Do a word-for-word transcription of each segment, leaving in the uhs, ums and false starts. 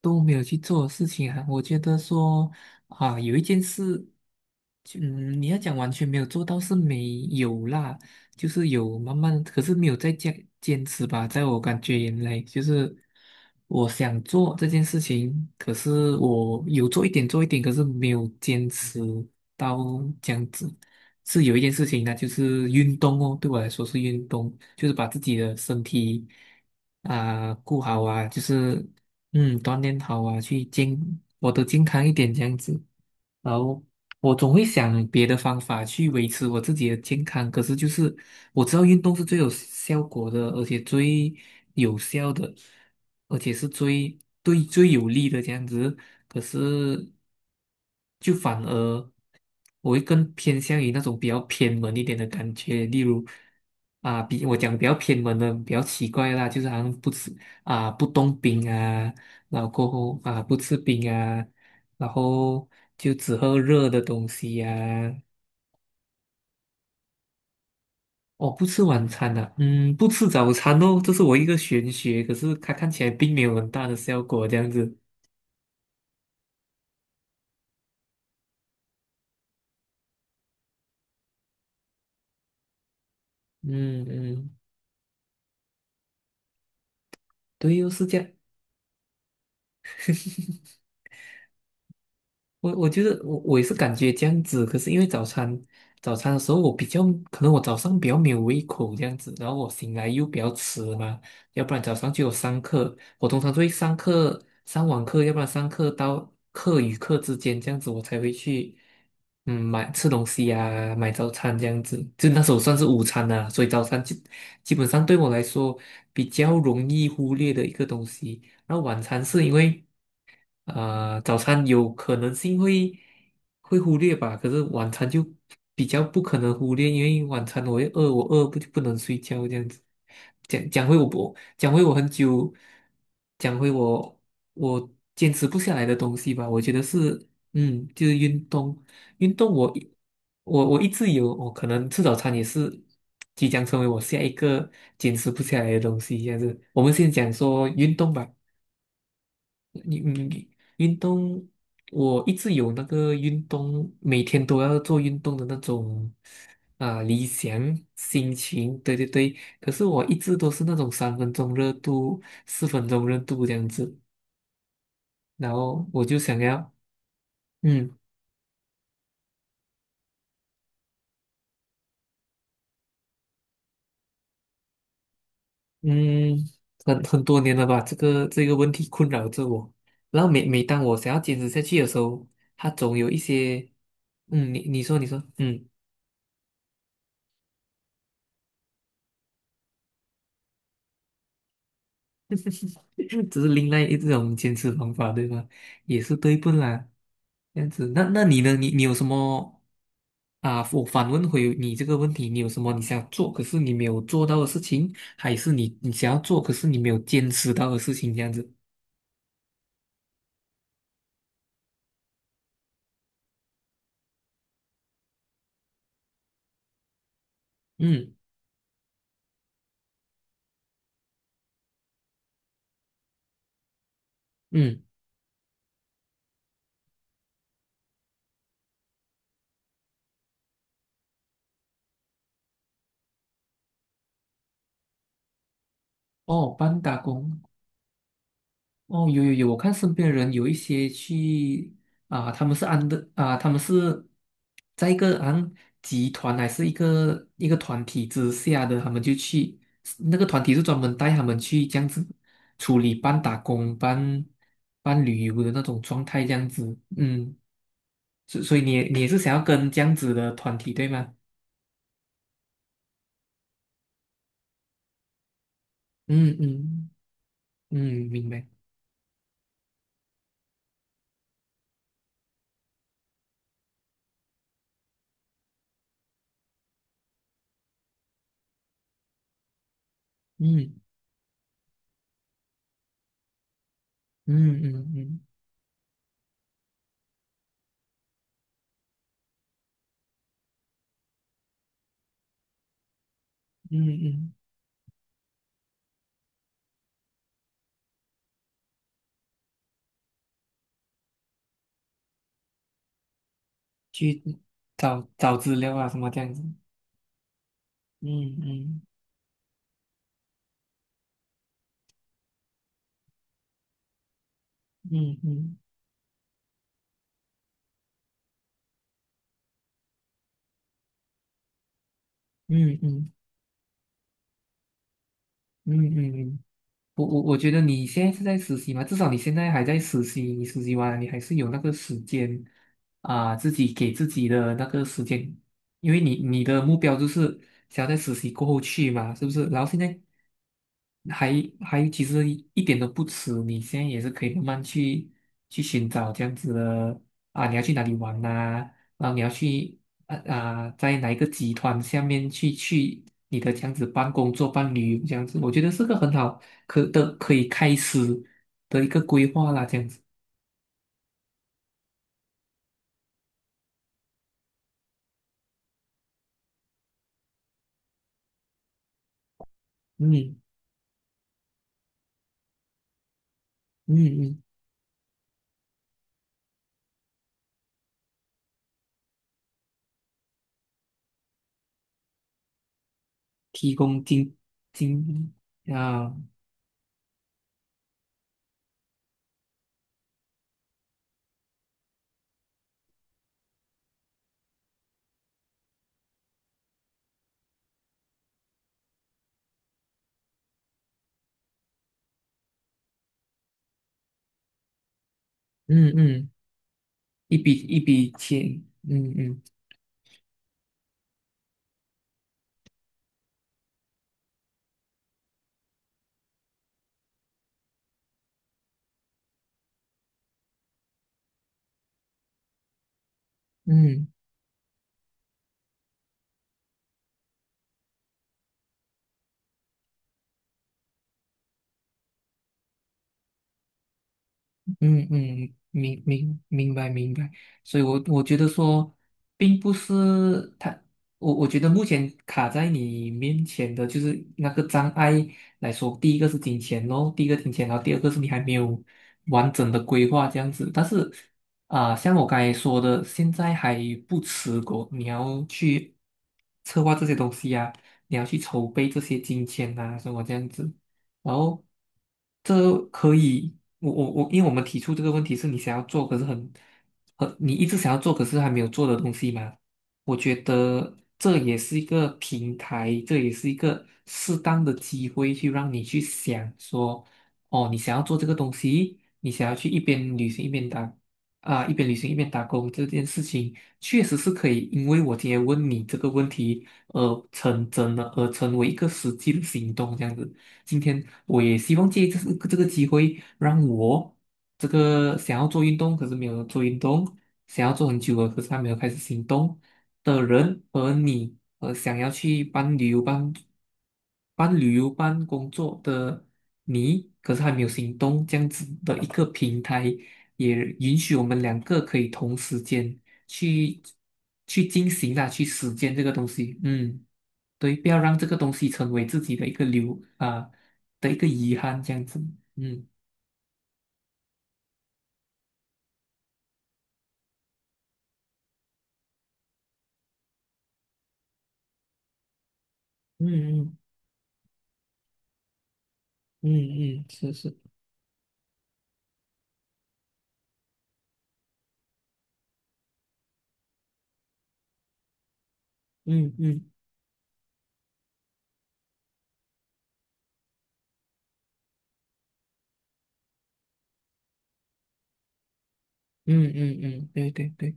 都没有去做的事情啊。我觉得说啊，有一件事，就嗯，你要讲完全没有做到是没有啦，就是有慢慢，可是没有再坚坚持吧。在我感觉原来，就是我想做这件事情，可是我有做一点做一点，可是没有坚持到这样子。是有一件事情呢，就是运动哦，对我来说是运动，就是把自己的身体啊、顾好啊，就是嗯，锻炼好啊，去健，我的健康一点这样子。然后我总会想别的方法去维持我自己的健康，可是就是我知道运动是最有效果的，而且最有效的，而且是最对最有利的这样子。可是就反而我会更偏向于那种比较偏门一点的感觉，例如啊，比我讲比较偏门的比较奇怪的啦，就是好像不吃啊，不动冰啊。然后过后啊，不吃冰啊，然后就只喝热的东西呀、啊。哦，不吃晚餐的、嗯，不吃早餐哦，这是我一个玄学，可是它看起来并没有很大的效果，这样子。嗯嗯，对又是这样。我我觉得我我也是感觉这样子，可是因为早餐早餐的时候我比较，可能我早上比较没有胃口这样子，然后我醒来又比较迟嘛。要不然早上就有上课，我通常都会上课上网课，要不然上课到课与课之间这样子，我才会去嗯买吃东西啊，买早餐这样子，就那时候算是午餐啦，所以早餐基基本上对我来说比较容易忽略的一个东西。然后晚餐是因为，啊、早餐有可能性会会忽略吧，可是晚餐就比较不可能忽略，因为晚餐我会饿，我饿不就不能睡觉这样子。讲讲回我，不讲回我很久，讲回我我坚持不下来的东西吧，我觉得是嗯，就是运动。运动我一我我一直有，我可能吃早餐也是即将成为我下一个坚持不下来的东西，这样子。我们先讲说运动吧。你你运动，我一直有那个运动，每天都要做运动的那种啊、理想心情，对对对。可是我一直都是那种三分钟热度、四分钟热度这样子，然后我就想要，嗯嗯，很很多年了吧，这个这个问题困扰着我。然后每每当我想要坚持下去的时候，它总有一些。嗯，你你说你说，嗯。只是另外一种坚持方法，对吧？也是对不啦？这样子。那那你呢？你你有什么啊？我反问回你这个问题，你有什么你想做，可是你没有做到的事情？还是你你想要做，可是你没有坚持到的事情？这样子。嗯嗯，哦，帮打工哦。有有有，我看身边人有一些去，啊、他们是安的啊、他们是在一个好像集团，还是一个一个团体之下的。他们就去，那个团体是专门带他们去，这样子处理半打工半半旅游的那种状态这样子。嗯，所所以你也你也是想要跟这样子的团体对吗？嗯嗯嗯，明白。嗯嗯嗯嗯嗯嗯，嗯，去找找资料啊什么这样子。嗯嗯嗯嗯嗯嗯嗯嗯嗯，嗯，我我我觉得你现在是在实习嘛，至少你现在还在实习，你实习完了你还是有那个时间啊，自己给自己的那个时间。因为你你的目标就是想要在实习过后去嘛，是不是？然后现在还还其实一点都不迟，你现在也是可以慢慢去去寻找这样子的啊。你要去哪里玩呐、然后你要去，啊啊、在哪一个集团下面去去你的这样子办工作、办旅游这样子，我觉得是个很好，可的可以开始的一个规划啦，这样子。嗯嗯嗯，提供金金啊，嗯嗯，一笔一笔钱，嗯嗯嗯。嗯嗯，明明明白明白。所以我我觉得说，并不是他。我我觉得目前卡在你面前的就是那个障碍来说，第一个是金钱咯，第一个金钱，然后第二个是你还没有完整的规划这样子。但是啊、像我刚才说的，现在还不迟过，你要去策划这些东西啊，你要去筹备这些金钱啊，什么这样子。然后这可以，我我我，因为我们提出这个问题是你想要做，可是很，很你一直想要做，可是还没有做的东西嘛。我觉得这也是一个平台，这也是一个适当的机会，去让你去想说，哦，你想要做这个东西，你想要去一边旅行一边打啊，一边旅行一边打工这件事情，确实是可以，因为我今天问你这个问题而成真的，而成为一个实际的行动这样子。今天我也希望借这是这个机会，让我这个想要做运动可是没有做运动、想要做很久了可是还没有开始行动的人，和你，呃，想要去办旅游办办旅游办工作的你，可是还没有行动，这样子的一个平台，也允许我们两个可以同时间去去进行啦，去实践这个东西，嗯。对，不要让这个东西成为自己的一个留啊、的一个遗憾，这样子。嗯嗯嗯嗯嗯，是是。嗯嗯嗯嗯嗯，对对对。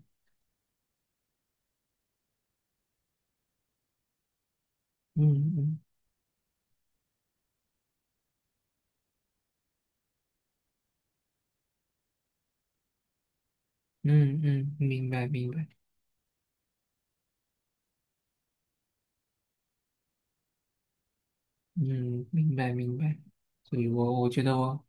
嗯嗯嗯嗯，明白明白。嗯，明白明白。所以我我觉得我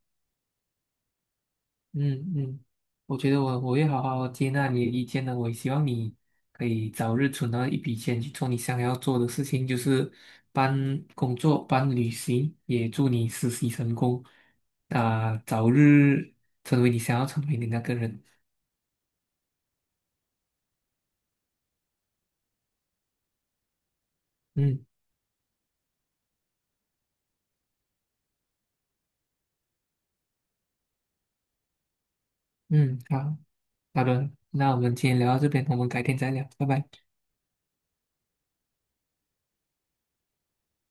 嗯嗯，我觉得我我会好好接纳你的意见的。我也希望你可以早日存到一笔钱去做你想要做的事情，就是搬工作、搬旅行。也祝你实习成功，啊、早日成为你想要成为的那个人。嗯嗯，好，好的，那我们今天聊到这边，我们改天再聊，拜拜。